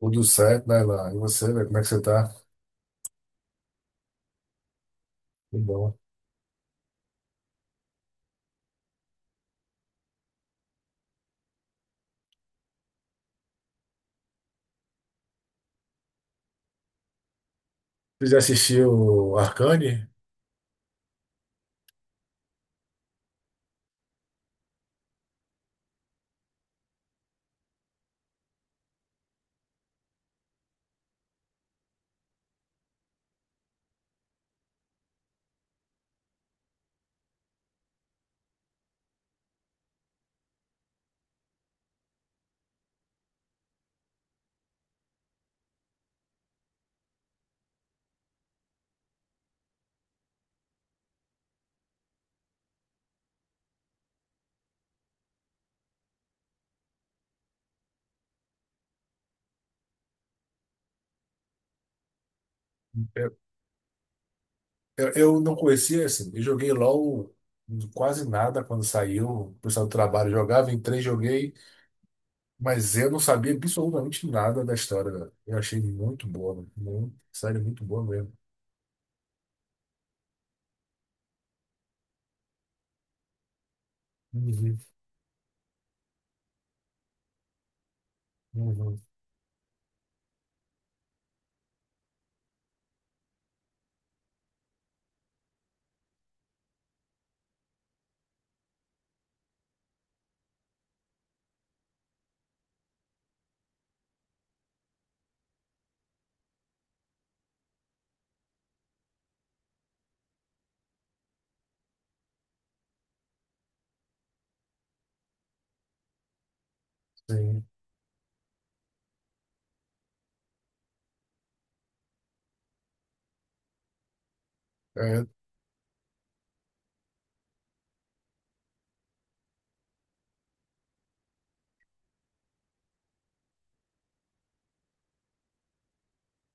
Tudo certo, né, Lá? E você, velho, como é que você tá? Que bom. Você já assistiu Arcane? Eu, eu não conhecia, assim. Eu joguei LOL quase nada quando saiu. O pessoal do trabalho jogava, entrei, joguei. Mas eu não sabia absolutamente nada da história, velho. Eu achei muito boa, velho. Muito, sério, muito boa mesmo. Uhum, uhum, sim.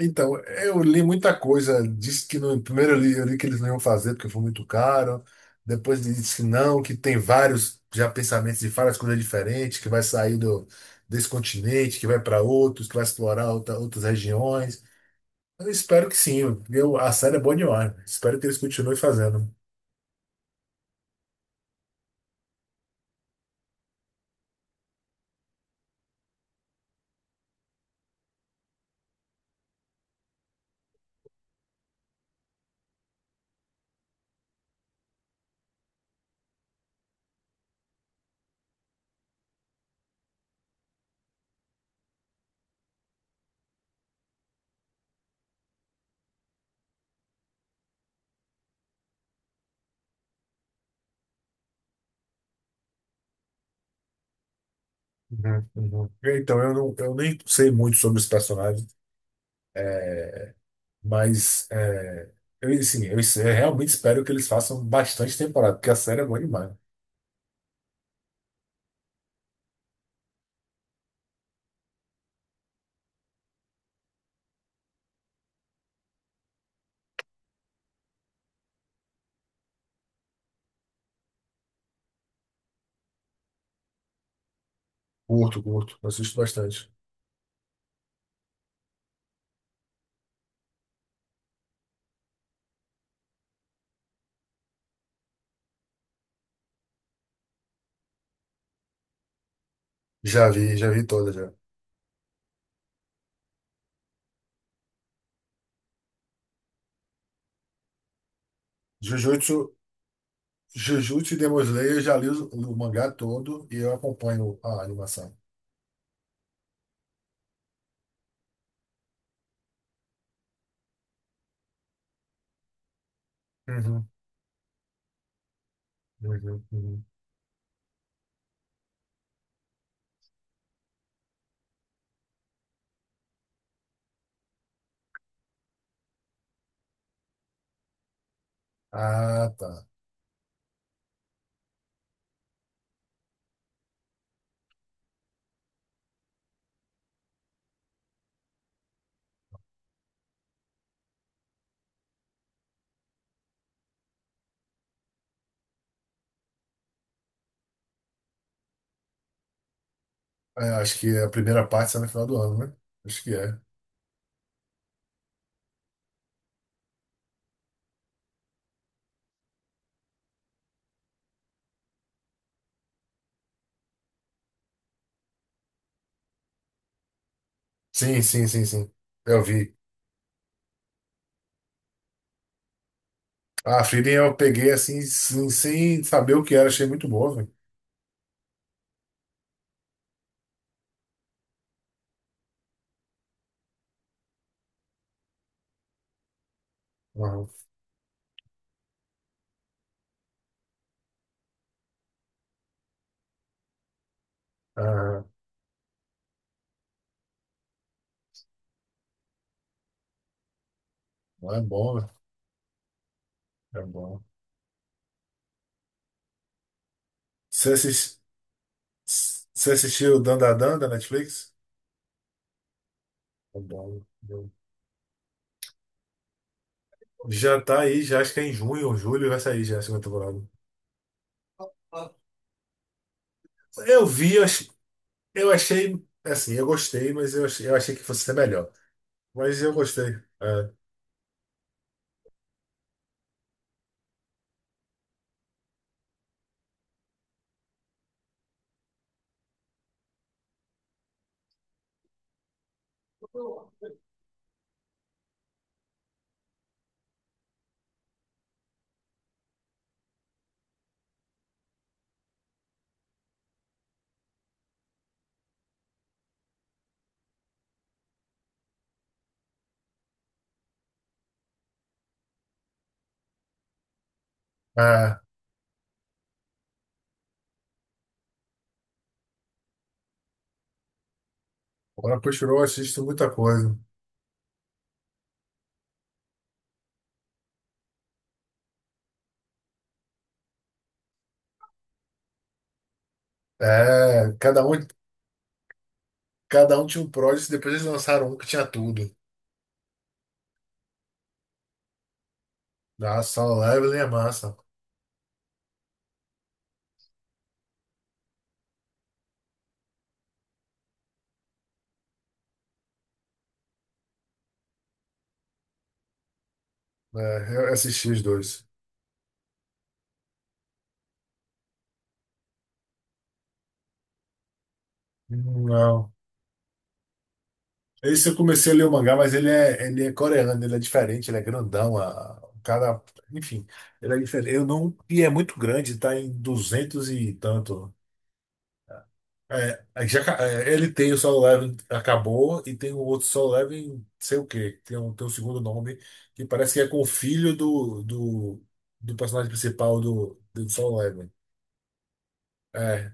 Então, eu li muita coisa. Disse que no primeiro eu li que eles não iam fazer porque foi muito caro. Depois disse que não, que tem vários já pensamentos de várias coisas diferentes, que vai sair desse continente, que vai para outros, que vai explorar outras regiões. Eu espero que sim. Eu, a série é boa demais. Espero que eles continuem fazendo. Uhum, uhum. Então, eu, não, eu nem sei muito sobre os personagens, é, mas é, eu, assim, eu realmente espero que eles façam bastante temporada, porque a série é boa demais. Curto, curto. Assisto bastante. Já vi toda já. Jujutsu, Jujutsu e Demon Slayer, eu já li o mangá todo e eu acompanho a animação. Uhum, uhum, uhum. Ah, tá. É, acho que a primeira parte sai no final do ano, né? Acho que é. Sim, sim, sim, sim. Eu vi. Ah, Frieren eu peguei assim, sem saber o que era. Achei muito bom, velho. Uhum. Ah, é bom, velho. É bom. Você assis- Você assistiu Dandadan da Netflix? É bom. Já tá aí, já acho que é em junho ou julho vai sair já a segunda temporada. Eu vi, eu ach- eu achei, assim, eu gostei, mas eu achei que fosse ser melhor. Mas eu gostei. É. Ah, agora continuou, eu assisto muita coisa. É, cada um tinha um Prodigy, depois eles lançaram um que tinha tudo. Ah, Solo Leveling é massa. É, eu assisti os dois. Não. Esse eu comecei a ler o mangá, mas ele é coreano, ele é diferente, ele é grandão, a, o cara, enfim, ele é diferente. Eu não, e é muito grande, tá em 200 e tanto. É, aí já, ca- é, ele tem o Solo Leveling, acabou, e tem o outro Solo Leveling, sei o quê, tem um segundo nome, que parece que é com o filho do personagem principal do Solo Leveling. É,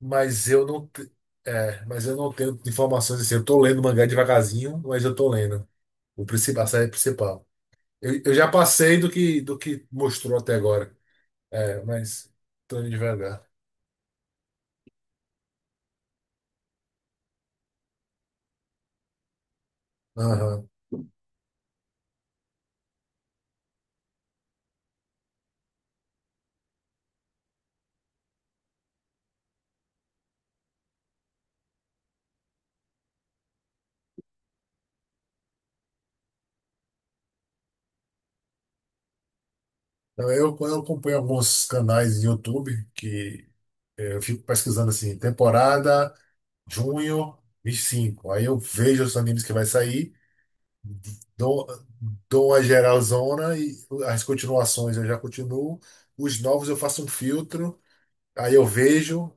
mas eu não, te- é, mas eu não tenho informações assim, eu tô lendo o mangá devagarzinho, mas eu tô lendo. O principal, a série principal. Eu já passei do que mostrou até agora. É, mas tô indo devagar. Aham. Então, eu acompanho alguns canais de YouTube que é, eu fico pesquisando assim, temporada junho 25. Aí eu vejo os animes que vai sair, dou, dou uma geralzona e as continuações eu já continuo. Os novos eu faço um filtro, aí eu vejo,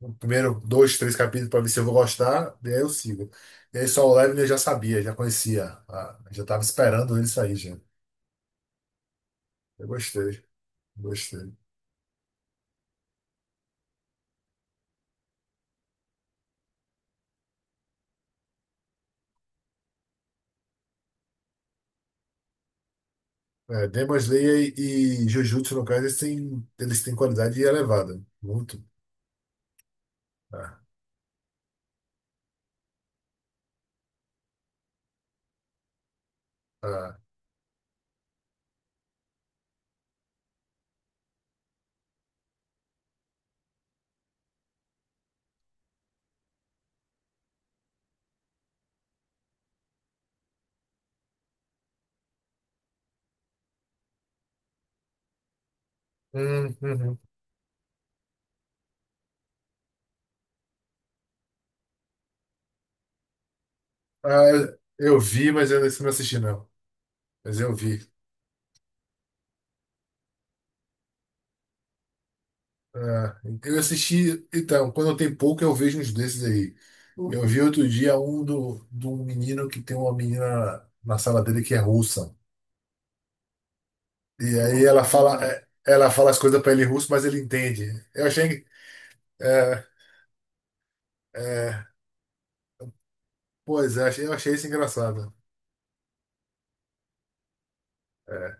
o primeiro dois, três capítulos para ver se eu vou gostar, e aí eu sigo. E aí só o Levin eu já sabia, já conhecia. Ah, já estava esperando ele sair, já. Eu gostei, gostei. É, Demon Slayer e Jujutsu, no caso, eles têm qualidade elevada. Muito. Ah, ah. Uhum. Ah, eu vi, mas eu não assisti, não. Mas eu vi. É, eu assisti, então, quando tem pouco eu vejo uns desses aí. Eu vi outro dia um de um menino que tem uma menina na sala dele que é russa. E aí ela fala, é, ela fala as coisas pra ele em russo, mas ele entende. Eu achei, é, é, pois é, eu achei isso engraçado. É,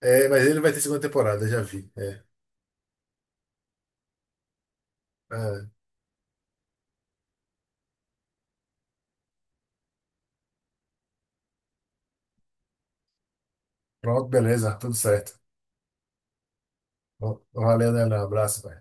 é, mas ele vai ter segunda temporada, já vi. É, é, pronto, beleza, tudo certo. Valeu, né? Um abraço, pai.